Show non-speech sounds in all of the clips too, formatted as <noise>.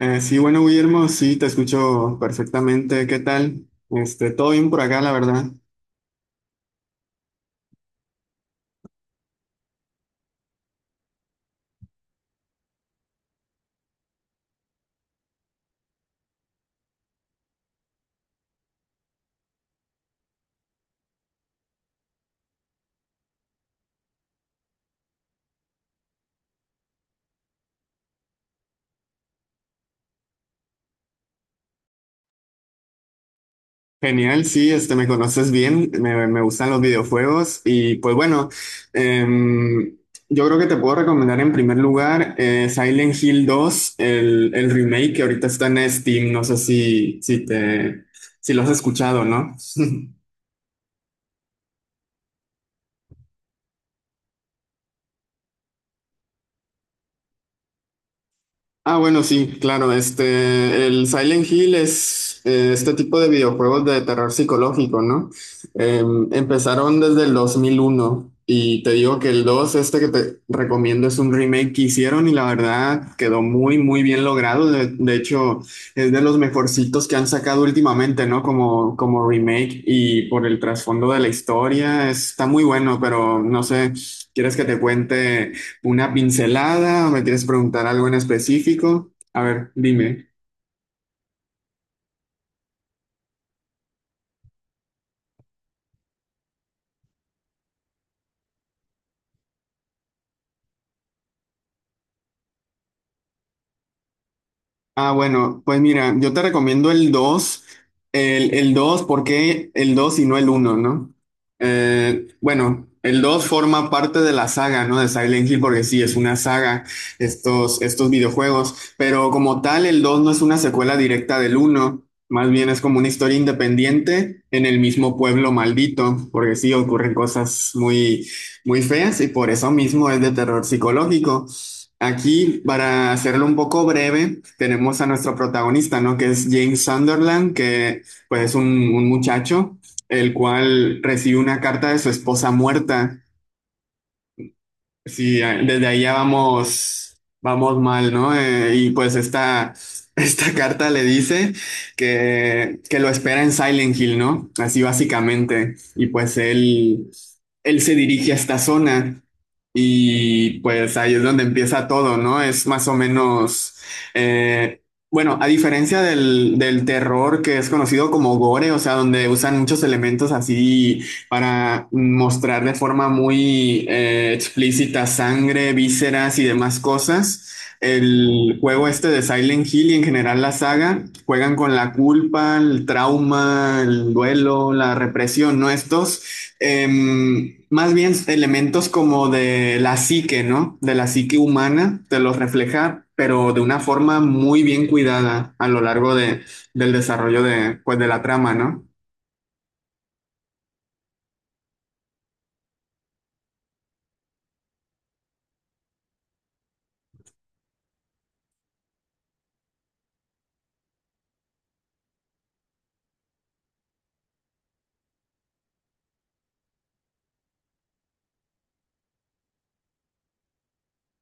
Sí, bueno, Guillermo, sí, te escucho perfectamente. ¿Qué tal? Todo bien por acá, la verdad. Genial, sí, este, me conoces bien, me gustan los videojuegos y pues bueno, em, yo creo que te puedo recomendar en primer lugar Silent Hill dos, el remake que ahorita está en Steam, no sé si lo has escuchado, ¿no? <laughs> Ah, bueno, sí, claro. Este, el Silent Hill es este tipo de videojuegos de terror psicológico, ¿no? Eh, empezaron desde el 2001 y te digo que el 2, este que te recomiendo, es un remake que hicieron y la verdad quedó muy, muy bien logrado. De hecho, es de los mejorcitos que han sacado últimamente, ¿no? Como remake y por el trasfondo de la historia, está muy bueno, pero no sé, ¿quieres que te cuente? Una pincelada, o ¿me quieres preguntar algo en específico? A ver, dime. Ah, bueno, pues mira, yo te recomiendo el 2, el 2, ¿por qué el 2 y no el uno, no? Bueno, el 2 forma parte de la saga, ¿no? De Silent Hill, porque sí, es una saga, estos videojuegos, pero como tal, el 2 no es una secuela directa del uno, más bien es como una historia independiente en el mismo pueblo maldito, porque sí, ocurren cosas muy, muy feas y por eso mismo es de terror psicológico. Aquí, para hacerlo un poco breve, tenemos a nuestro protagonista, ¿no? Que es James Sunderland, que pues es un muchacho, el cual recibe una carta de su esposa muerta. Sí, ah, desde ahí ya vamos mal, ¿no? Y pues esta, <laughs> esta carta le dice que lo espera en Silent Hill, ¿no? Así básicamente. Y pues él se dirige a esta zona y pues ahí es donde empieza todo, ¿no? Es más o menos, eh, bueno, a diferencia del terror que es conocido como gore, o sea, donde usan muchos elementos así para mostrar de forma muy explícita sangre, vísceras y demás cosas. El juego este de Silent Hill y en general la saga juegan con la culpa, el trauma, el duelo, la represión, ¿no? Estos más bien elementos como de la psique, ¿no? De la psique humana, te los refleja, pero de una forma muy bien cuidada a lo largo del desarrollo de, pues, de la trama, ¿no?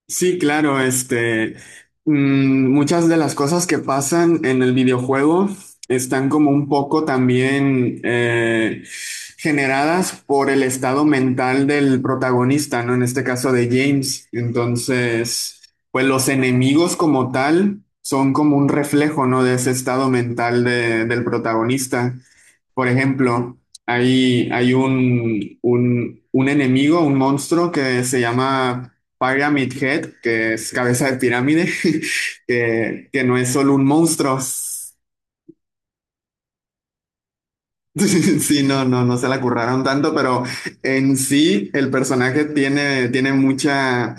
Sí, claro, muchas de las cosas que pasan en el videojuego están como un poco también generadas por el estado mental del protagonista, ¿no? En este caso de James. Entonces, pues los enemigos como tal son como un reflejo, ¿no? De ese estado mental del protagonista. Por ejemplo, un enemigo, un monstruo que se llama Pyramid Head, que es cabeza de pirámide, <laughs> que no es solo un monstruo. <laughs> Sí, no se la curraron tanto, pero en sí el personaje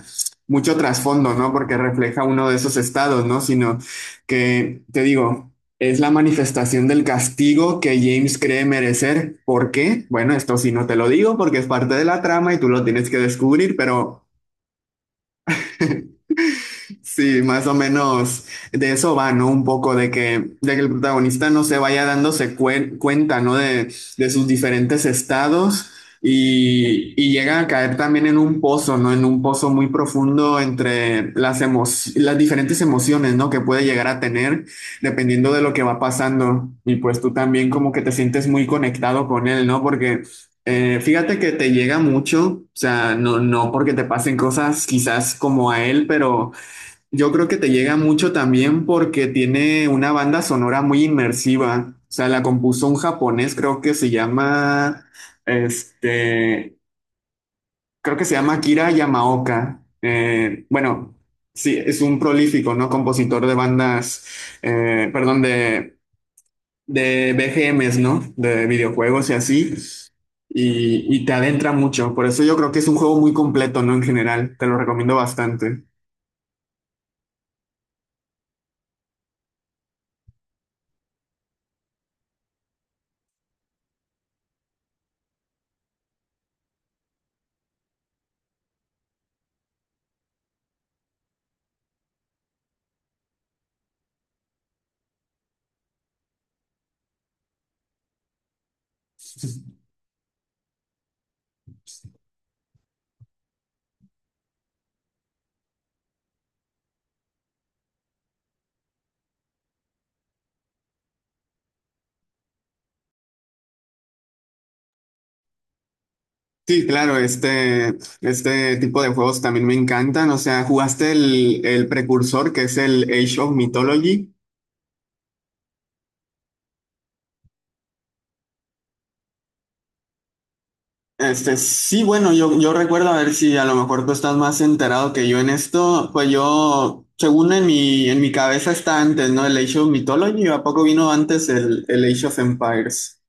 mucho trasfondo, ¿no? Porque refleja uno de esos estados, ¿no? Sino que, te digo, es la manifestación del castigo que James cree merecer. ¿Por qué? Bueno, esto sí no te lo digo porque es parte de la trama y tú lo tienes que descubrir, pero... Sí, más o menos de eso va, ¿no? Un poco de que el protagonista no se vaya dándose cuenta, ¿no? De sus diferentes estados y llega a caer también en un pozo, ¿no? En un pozo muy profundo entre las diferentes emociones, ¿no? Que puede llegar a tener dependiendo de lo que va pasando. Y pues tú también como que te sientes muy conectado con él, ¿no? Porque... fíjate que te llega mucho, o sea, no porque te pasen cosas quizás como a él, pero yo creo que te llega mucho también porque tiene una banda sonora muy inmersiva. O sea, la compuso un japonés, este, creo que se llama Akira Yamaoka. Bueno, sí, es un prolífico, ¿no? Compositor de bandas, perdón, de BGMs, ¿no? De videojuegos y así. Y te adentra mucho. Por eso yo creo que es un juego muy completo, ¿no? En general, te lo recomiendo bastante. Sí, claro, este tipo de juegos también me encantan. O sea, ¿jugaste el precursor que es el Age of Mythology? Este, sí, bueno, yo recuerdo, a ver si a lo mejor tú estás más enterado que yo en esto, pues yo, según en en mi cabeza está antes, ¿no? El Age of Mythology, ¿a poco vino antes el Age of Empires?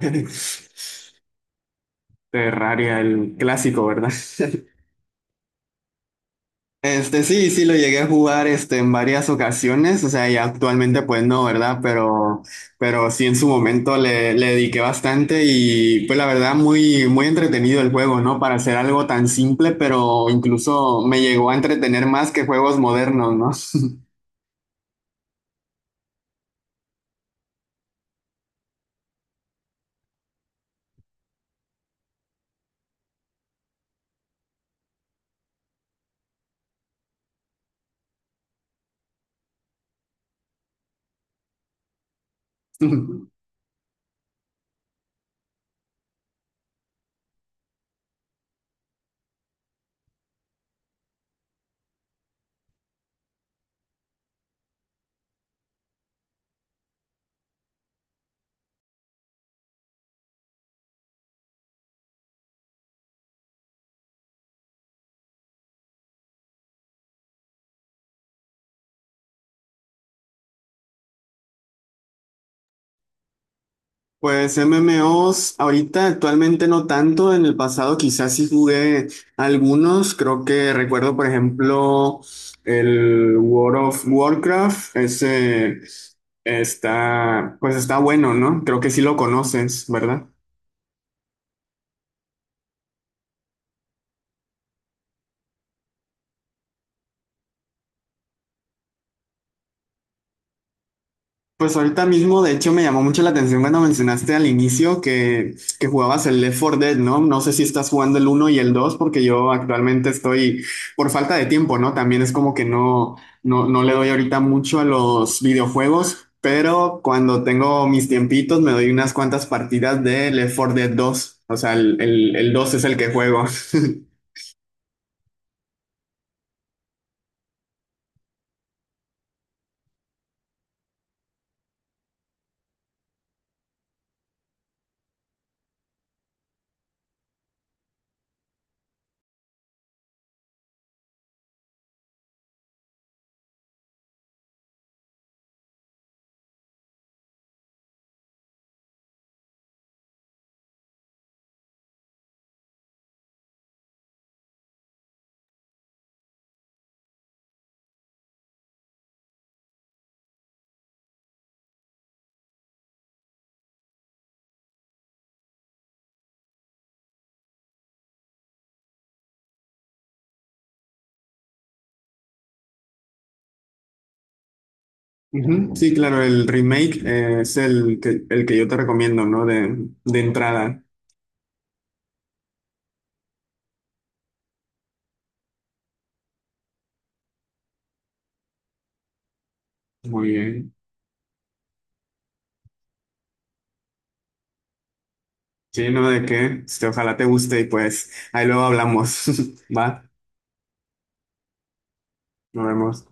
<laughs> Terraria, el clásico, ¿verdad? <laughs> Este, sí lo llegué a jugar este, en varias ocasiones, o sea, y actualmente pues no, ¿verdad? Pero sí en su momento le dediqué bastante y pues la verdad muy, muy entretenido el juego, ¿no? Para hacer algo tan simple, pero incluso me llegó a entretener más que juegos modernos, ¿no? <laughs> Pues MMOs, ahorita actualmente no tanto, en el pasado quizás sí jugué algunos, creo que recuerdo por ejemplo el World of Warcraft, ese está, pues está bueno, ¿no? Creo que sí lo conoces, ¿verdad? Pues ahorita mismo, de hecho, me llamó mucho la atención cuando mencionaste al inicio que jugabas el Left 4 Dead, ¿no? No sé si estás jugando el uno y el 2, porque yo actualmente estoy por falta de tiempo, ¿no? También es como que no le doy ahorita mucho a los videojuegos, pero cuando tengo mis tiempitos me doy unas cuantas partidas de Left 4 Dead dos. O sea, el 2 es el que juego. <laughs> Ujú, sí, claro, el remake es el que yo te recomiendo, ¿no? De entrada. Muy bien. Sí, no, de qué. Este, ojalá te guste y pues ahí luego hablamos. <laughs> Va, nos vemos.